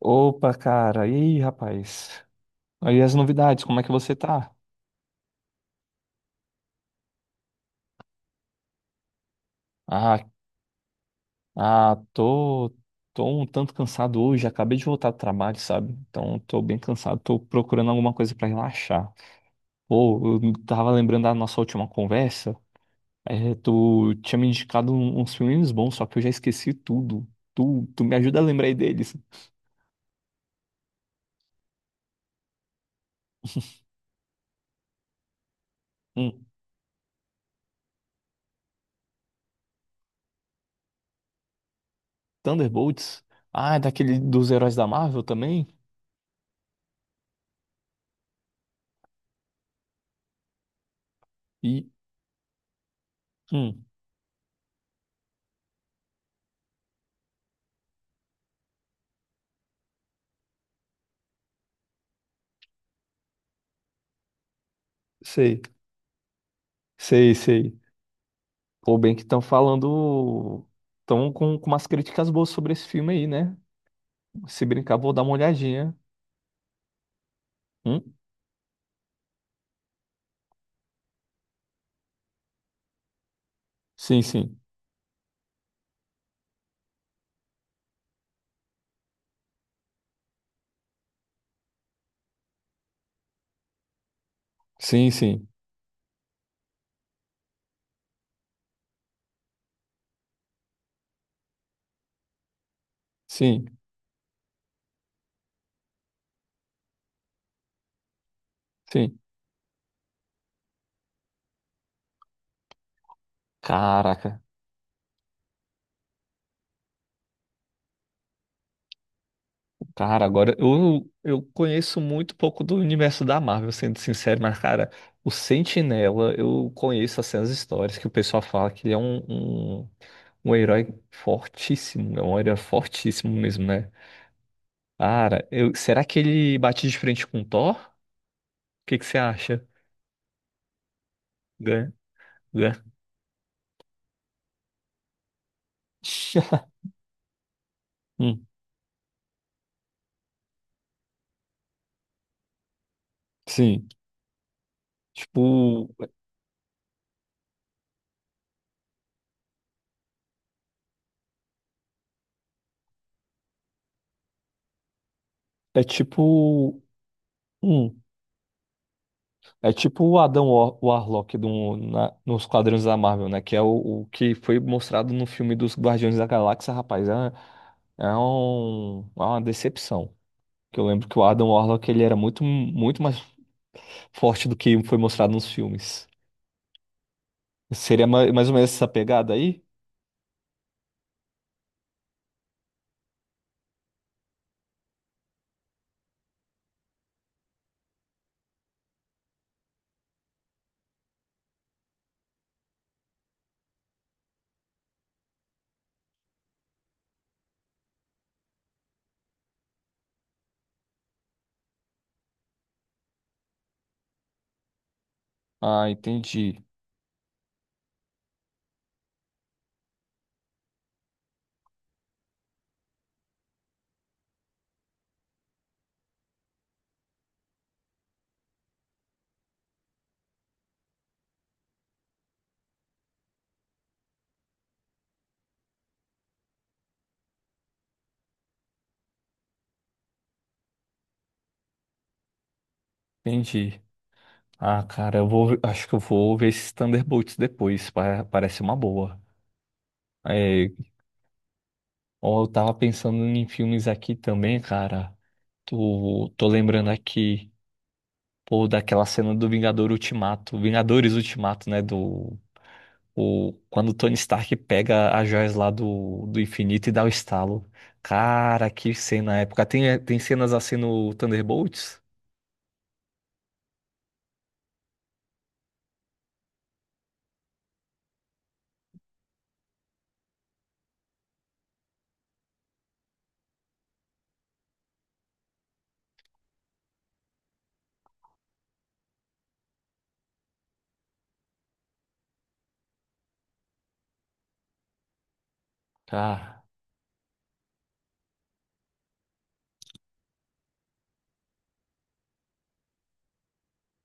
Opa, cara. E aí, rapaz? Aí as novidades, como é que você tá? Ah, ah, tô um tanto cansado hoje. Acabei de voltar do trabalho, sabe? Então, tô bem cansado. Tô procurando alguma coisa pra relaxar. Pô, eu tava lembrando da nossa última conversa. É, tu tinha me indicado uns filmes bons, só que eu já esqueci tudo. Tu me ajuda a lembrar aí deles. Hum, Thunderbolts. Ah, é daquele dos heróis da Marvel também? E, hum, Sei, sei, sei. Pô, bem que estão falando. Estão com umas críticas boas sobre esse filme aí, né? Se brincar, vou dar uma olhadinha. Hum? Sim, sim. Sim, sim. Sim, sim. Caraca. Cara, agora eu conheço muito pouco do universo da Marvel, sendo sincero, mas, cara, o Sentinela, eu conheço assim, as histórias que o pessoal fala que ele é um herói fortíssimo. É um herói fortíssimo mesmo, né? Cara, será que ele bate de frente com o Thor? O que que você acha? Né? Né? Hum, sim. Tipo, é tipo. Hum, é tipo o Adam Warlock nos quadrinhos da Marvel, né? Que é o que foi mostrado no filme dos Guardiões da Galáxia, rapaz. É uma decepção. Que eu lembro que o Adam Warlock ele era muito, muito mais forte do que foi mostrado nos filmes. Seria mais ou menos essa pegada aí? Ah, entendi. Entendi. Ah, cara, acho que eu vou ver esses Thunderbolts depois, parece uma boa. É, ó, eu tava pensando em filmes aqui também, cara. Tô lembrando aqui, pô, daquela cena do Vingador Ultimato, Vingadores Ultimato, né, quando o Tony Stark pega as joias lá do infinito e dá o estalo. Cara, que cena épica. Tem cenas assim no Thunderbolts? Cara,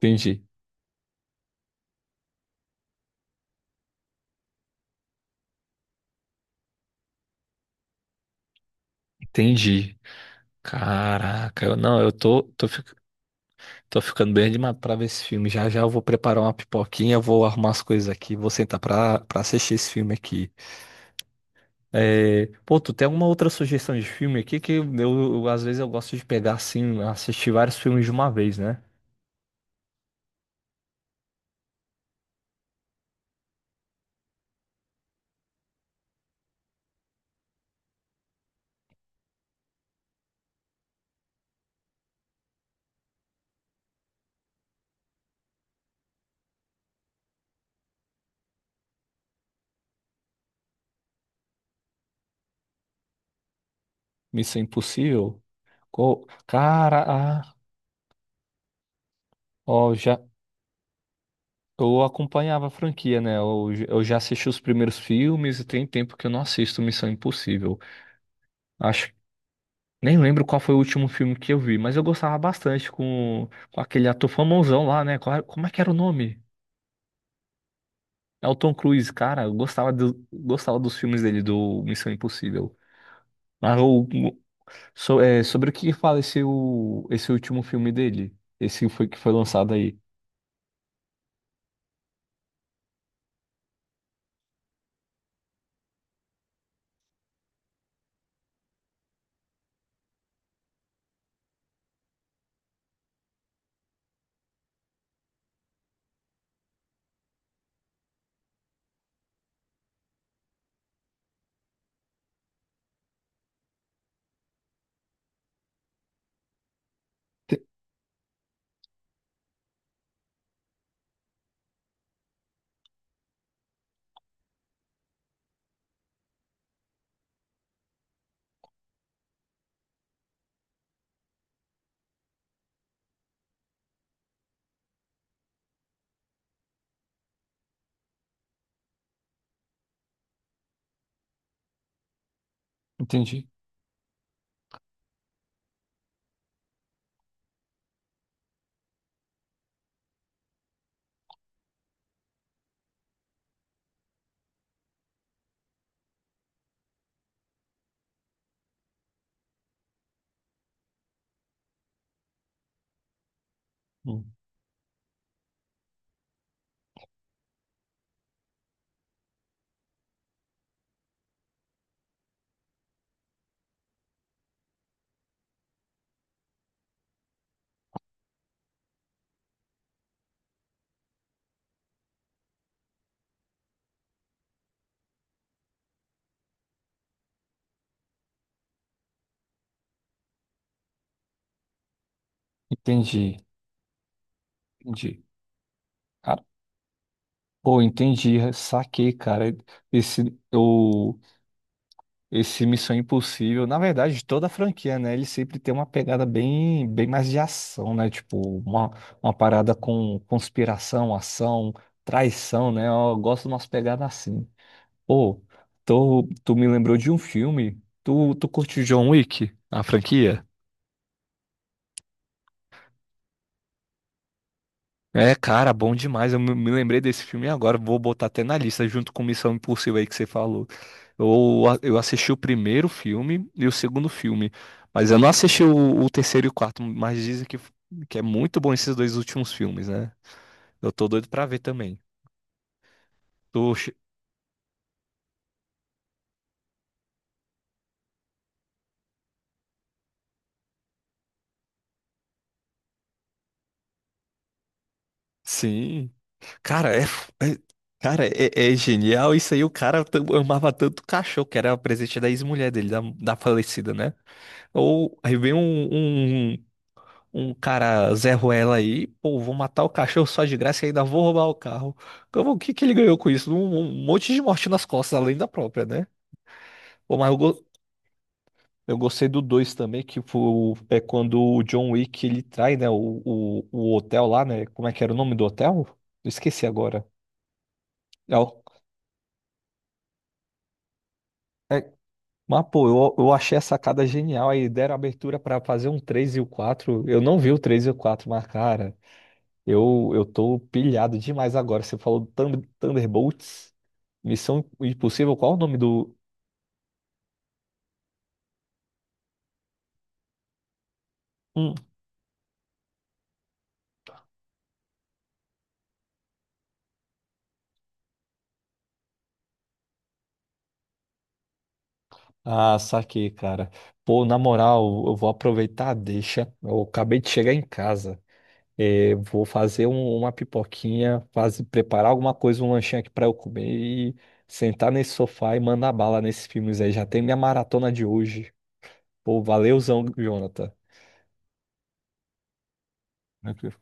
entendi, entendi. Caraca, eu, não, eu tô ficando bem animado pra ver esse filme. Já já eu vou preparar uma pipoquinha, vou arrumar as coisas aqui, vou sentar pra assistir esse filme aqui. É, pô, tu tem alguma outra sugestão de filme aqui que às vezes eu gosto de pegar assim, assistir vários filmes de uma vez, né? Missão Impossível. Cara, ah, ó, já eu acompanhava a franquia, né? Eu já assisti os primeiros filmes e tem tempo que eu não assisto Missão Impossível. Acho Nem lembro qual foi o último filme que eu vi, mas eu gostava bastante com aquele ator famosão lá, né? Como é que era o nome? É o Tom Cruise, cara. Eu gostava dos filmes dele, do Missão Impossível. Mas sobre o que fala esse último filme dele? Esse foi que foi lançado aí. Te- Entendi. Hum. Entendi. Entendi. Cara, pô, entendi. Saquei, cara. Esse, Esse Missão Impossível, na verdade, toda a franquia, né? Ele sempre tem uma pegada bem mais de ação, né? Tipo, uma, uma parada com conspiração, ação, traição, né? Eu gosto de umas pegadas assim. Pô, tu me lembrou de um filme. Tu curte John Wick, a franquia? É, cara, bom demais. Eu me lembrei desse filme agora. Vou botar até na lista, junto com Missão Impossível aí que você falou. Eu assisti o primeiro filme e o segundo filme, mas eu não assisti o terceiro e o quarto, mas dizem que é muito bom esses dois últimos filmes, né? Eu tô doido pra ver também. Tô che- Sim. Cara, é, f- é- cara, é genial. Isso aí, o cara amava tanto o cachorro, que era o presente da ex-mulher dele, da falecida, né? Ou aí vem um cara Zé Ruela aí, pô, vou matar o cachorro só de graça e ainda vou roubar o carro. Como, o que que ele ganhou com isso? Um monte de morte nas costas, além da própria, né? Pô, mas eu gostei do 2 também, é quando o John Wick ele trai, né, o hotel lá, né? Como é que era o nome do hotel? Eu esqueci agora. É, o- é- mas, pô, eu achei a sacada genial. Aí deram abertura pra fazer um 3 e o quatro. Eu não vi o 3 e o quatro, mas, cara. Eu tô pilhado demais agora. Você falou Thunderbolts, Missão Impossível. Qual o nome do. Hum, Ah, saquei, cara. Pô, na moral, eu vou aproveitar a deixa. Eu acabei de chegar em casa. É, vou fazer uma pipoquinha, preparar alguma coisa, um lanchinho aqui pra eu comer e sentar nesse sofá e mandar bala nesses filmes aí. Já tem minha maratona de hoje. Pô, valeuzão, Jonathan. Tranquilo.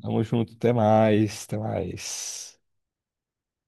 Tamo junto, até mais, até mais.